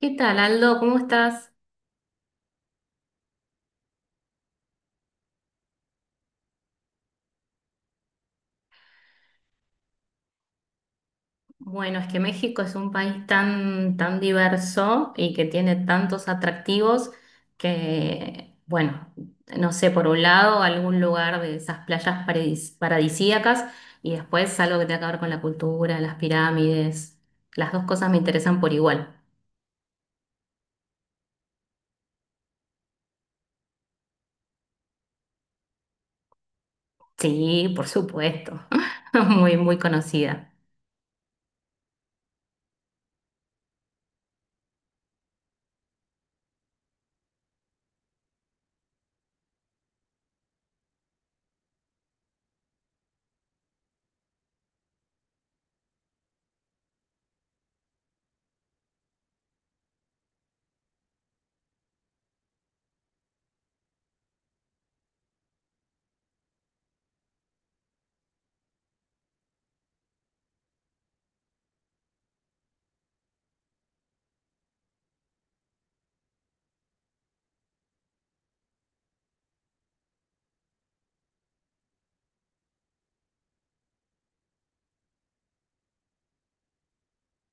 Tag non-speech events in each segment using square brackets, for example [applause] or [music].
¿Qué tal, Aldo? ¿Cómo estás? Bueno, es que México es un país tan diverso y que tiene tantos atractivos que, bueno, no sé. Por un lado, algún lugar de esas paradisíacas, y después algo que tenga que ver con la cultura, las pirámides. Las dos cosas me interesan por igual. Sí, por supuesto. [laughs] Muy conocida.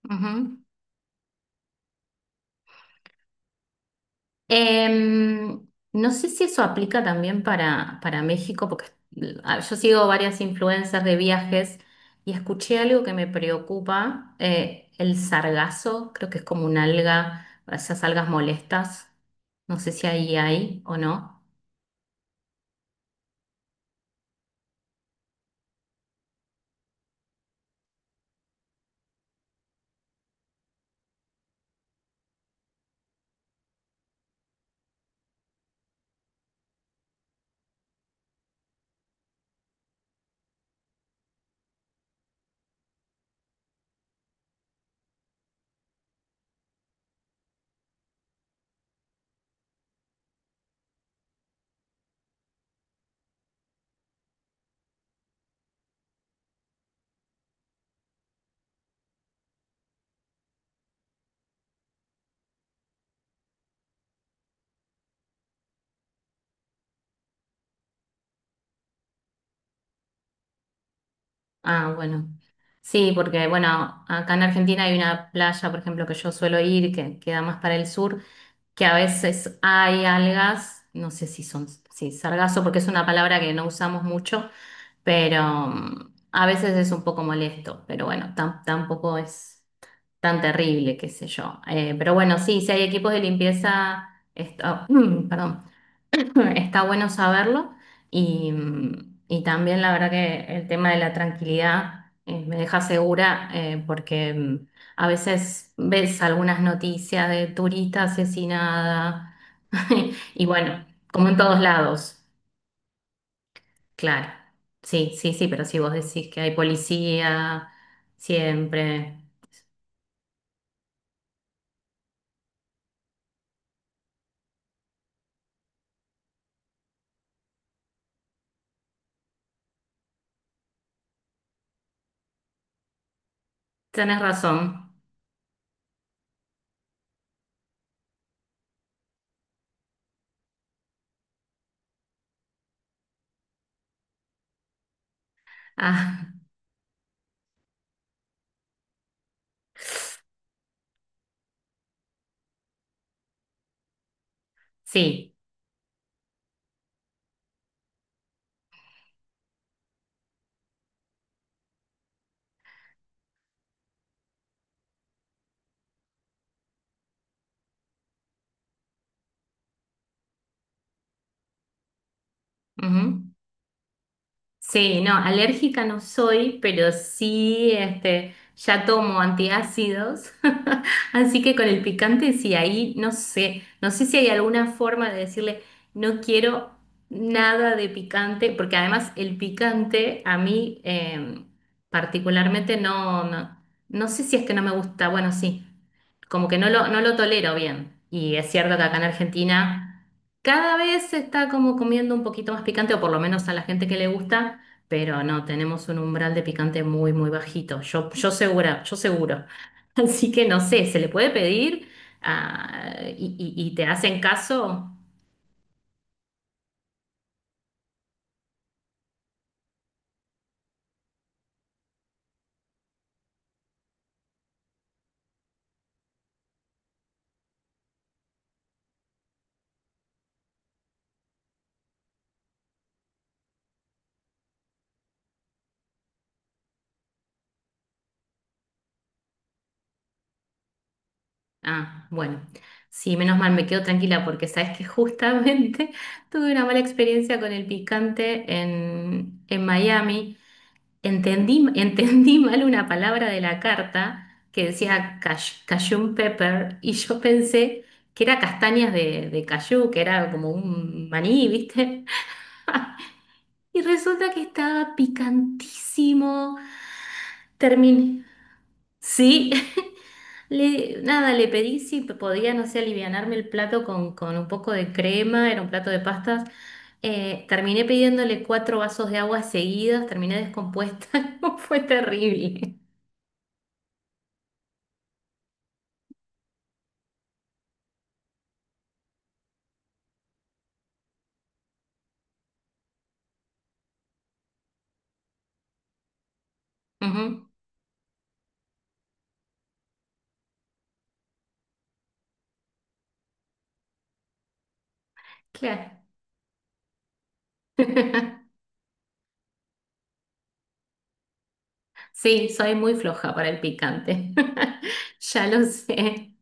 Ujú. Em, no sé si eso aplica también para México, porque yo sigo varias influencers de viajes y escuché algo que me preocupa, el sargazo, creo que es como una alga, esas algas molestas, no sé si ahí hay o no. Ah, bueno. Sí, porque bueno, acá en Argentina hay una playa, por ejemplo, que yo suelo ir, que queda más para el sur, que a veces hay algas, no sé si son, sí, sargazo, porque es una palabra que no usamos mucho, pero a veces es un poco molesto, pero bueno, tampoco es tan terrible, qué sé yo. Pero bueno, sí, si hay equipos de limpieza, está, [clears throat] perdón, [clears throat] está bueno saberlo y, y también la verdad que el tema de la tranquilidad me deja segura, porque a veces ves algunas noticias de turista asesinada, [laughs] y bueno, como en todos lados. Claro, sí, sí, sí, pero si vos decís que hay policía siempre, tenés razón. Ah, [laughs] sí, ujú. Sí, no, alérgica no soy, pero sí, este, ya tomo antiácidos, [laughs] así que con el picante sí, ahí no sé, no sé si hay alguna forma de decirle, no quiero nada de picante, porque además el picante a mí, particularmente no, no, no sé si es que no me gusta, bueno, sí, como que no lo tolero bien, y es cierto que acá en Argentina... Cada vez se está como comiendo un poquito más picante, o por lo menos a la gente que le gusta, pero no, tenemos un umbral de picante muy bajito. Yo segura, yo seguro. [laughs] Así que no sé, ¿se le puede pedir? Ah, ¿y te hacen caso? Ah, bueno. Sí, menos mal, me quedo tranquila porque sabes que justamente [laughs] tuve una mala experiencia con el picante en Miami. Entendí [laughs] mal una palabra de la carta, que decía cajun pepper, y yo pensé que era castañas de cayú, que era como un maní, ¿viste? Y resulta que estaba picantísimo. Terminé. Sí, [laughs] nada, le pedí si podía, no sé, alivianarme el plato con un poco de crema, era un plato de pastas. Terminé pidiéndole cuatro vasos de agua seguidos, terminé descompuesta. [laughs] Fue terrible. Ujú, claro. [laughs] Sí, soy muy floja para el picante. [laughs] Ya lo sé.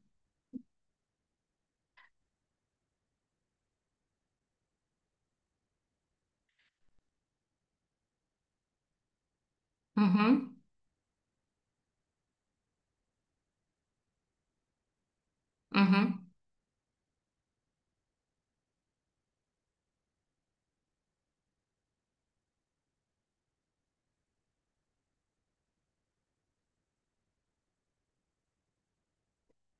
Ujú, ujú.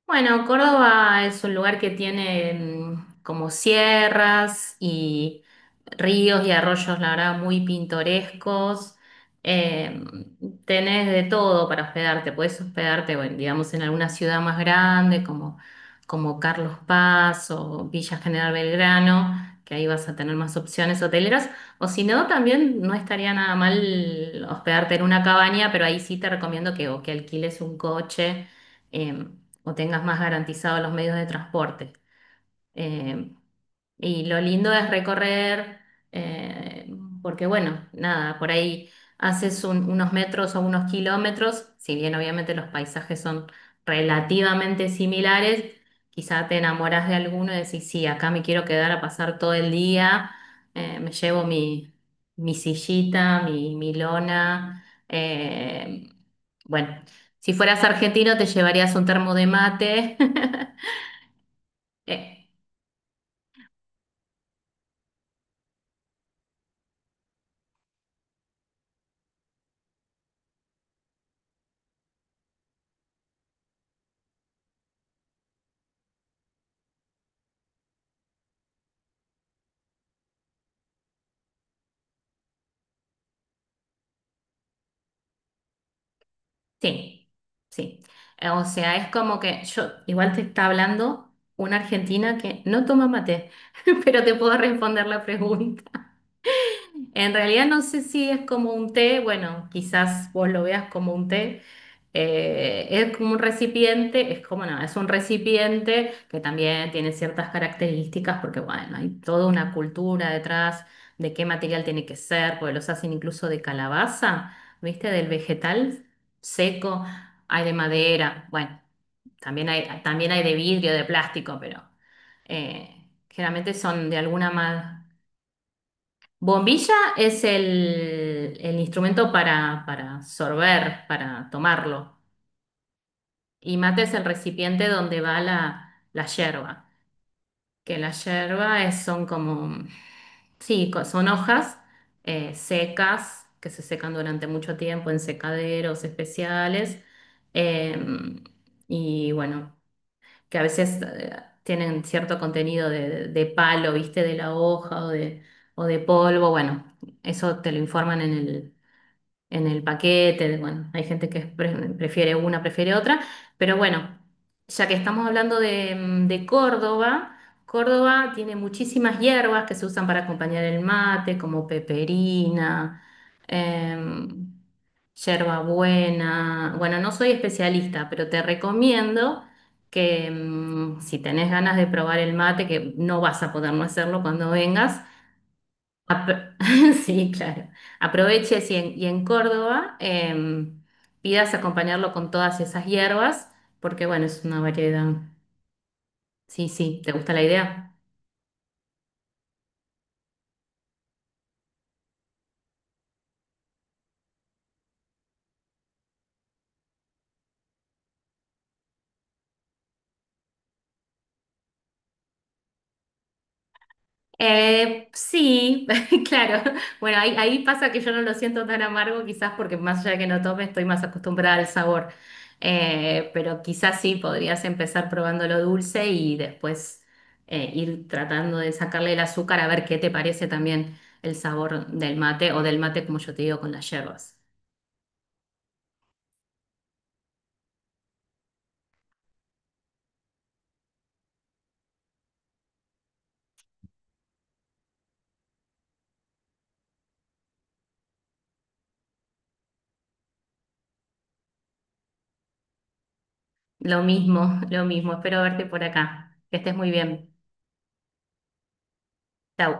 Bueno, Córdoba es un lugar que tiene, como sierras y ríos y arroyos, la verdad, muy pintorescos. Eh, Tenés de todo para hospedarte. Podés hospedarte, bueno, digamos, en alguna ciudad más grande como Carlos Paz o Villa General Belgrano, que ahí vas a tener más opciones hoteleras. O si no, también no estaría nada mal hospedarte en una cabaña, pero ahí sí te recomiendo que, o que alquiles un coche, eh, o tengas más garantizados los medios de transporte. Eh, y lo lindo es recorrer, eh, porque bueno, nada, por ahí unos metros o unos kilómetros. Si bien obviamente los paisajes son relativamente similares, quizá te enamoras de alguno y decís, sí, acá me quiero quedar a pasar todo el día. Me llevo mi sillita, mi lona. eh, bueno, si fueras argentino te llevarías un termo de mate. [laughs] Eh, Sí, sí. O sea, es como que yo igual te está hablando una argentina que no toma mate, [laughs] pero te puedo responder la pregunta. En realidad no sé si es como un té, bueno, quizás vos lo veas como un té. Es como un recipiente, es como no, es un recipiente que también tiene ciertas características, porque bueno, hay toda una cultura detrás de qué material tiene que ser, porque los hacen incluso de calabaza, ¿viste? Del vegetal seco, hay de madera, bueno, también hay de vidrio, de plástico, pero generalmente son de alguna manera. Bombilla es el instrumento para sorber, para tomarlo. Y mate es el recipiente donde va la yerba. Que la yerba son como, sí, son hojas secas que se secan durante mucho tiempo en secaderos especiales. Eh, y bueno, que a veces tienen cierto contenido de palo, viste, de la hoja o de polvo. Bueno, eso te lo informan en en el paquete, de- bueno, hay gente que prefiere una, prefiere otra, pero bueno, ya que estamos hablando de, de Córdoba, Córdoba tiene muchísimas hierbas que se usan para acompañar el mate, como peperina, em, yerbabuena. Bueno, no soy especialista, pero te recomiendo que, si tenés ganas de probar el mate, que no vas a poder no hacerlo cuando vengas, Apro- [laughs] sí, claro. Aproveche si y en Córdoba, pidas acompañarlo con todas esas hierbas, porque bueno, es una variedad. Sí, sí, ¿te gusta la idea? Sí, [laughs] claro. Bueno, ahí, ahí pasa que yo no lo siento tan amargo, quizás porque más allá de que no tome, estoy más acostumbrada al sabor. Pero quizás sí, podrías empezar probando lo dulce y después, ir tratando de sacarle el azúcar, a ver qué te parece también el sabor del mate, o del mate, como yo te digo, con las hierbas. Lo mismo, [laughs] lo mismo. Espero verte por acá. Que estés muy bien. Chau.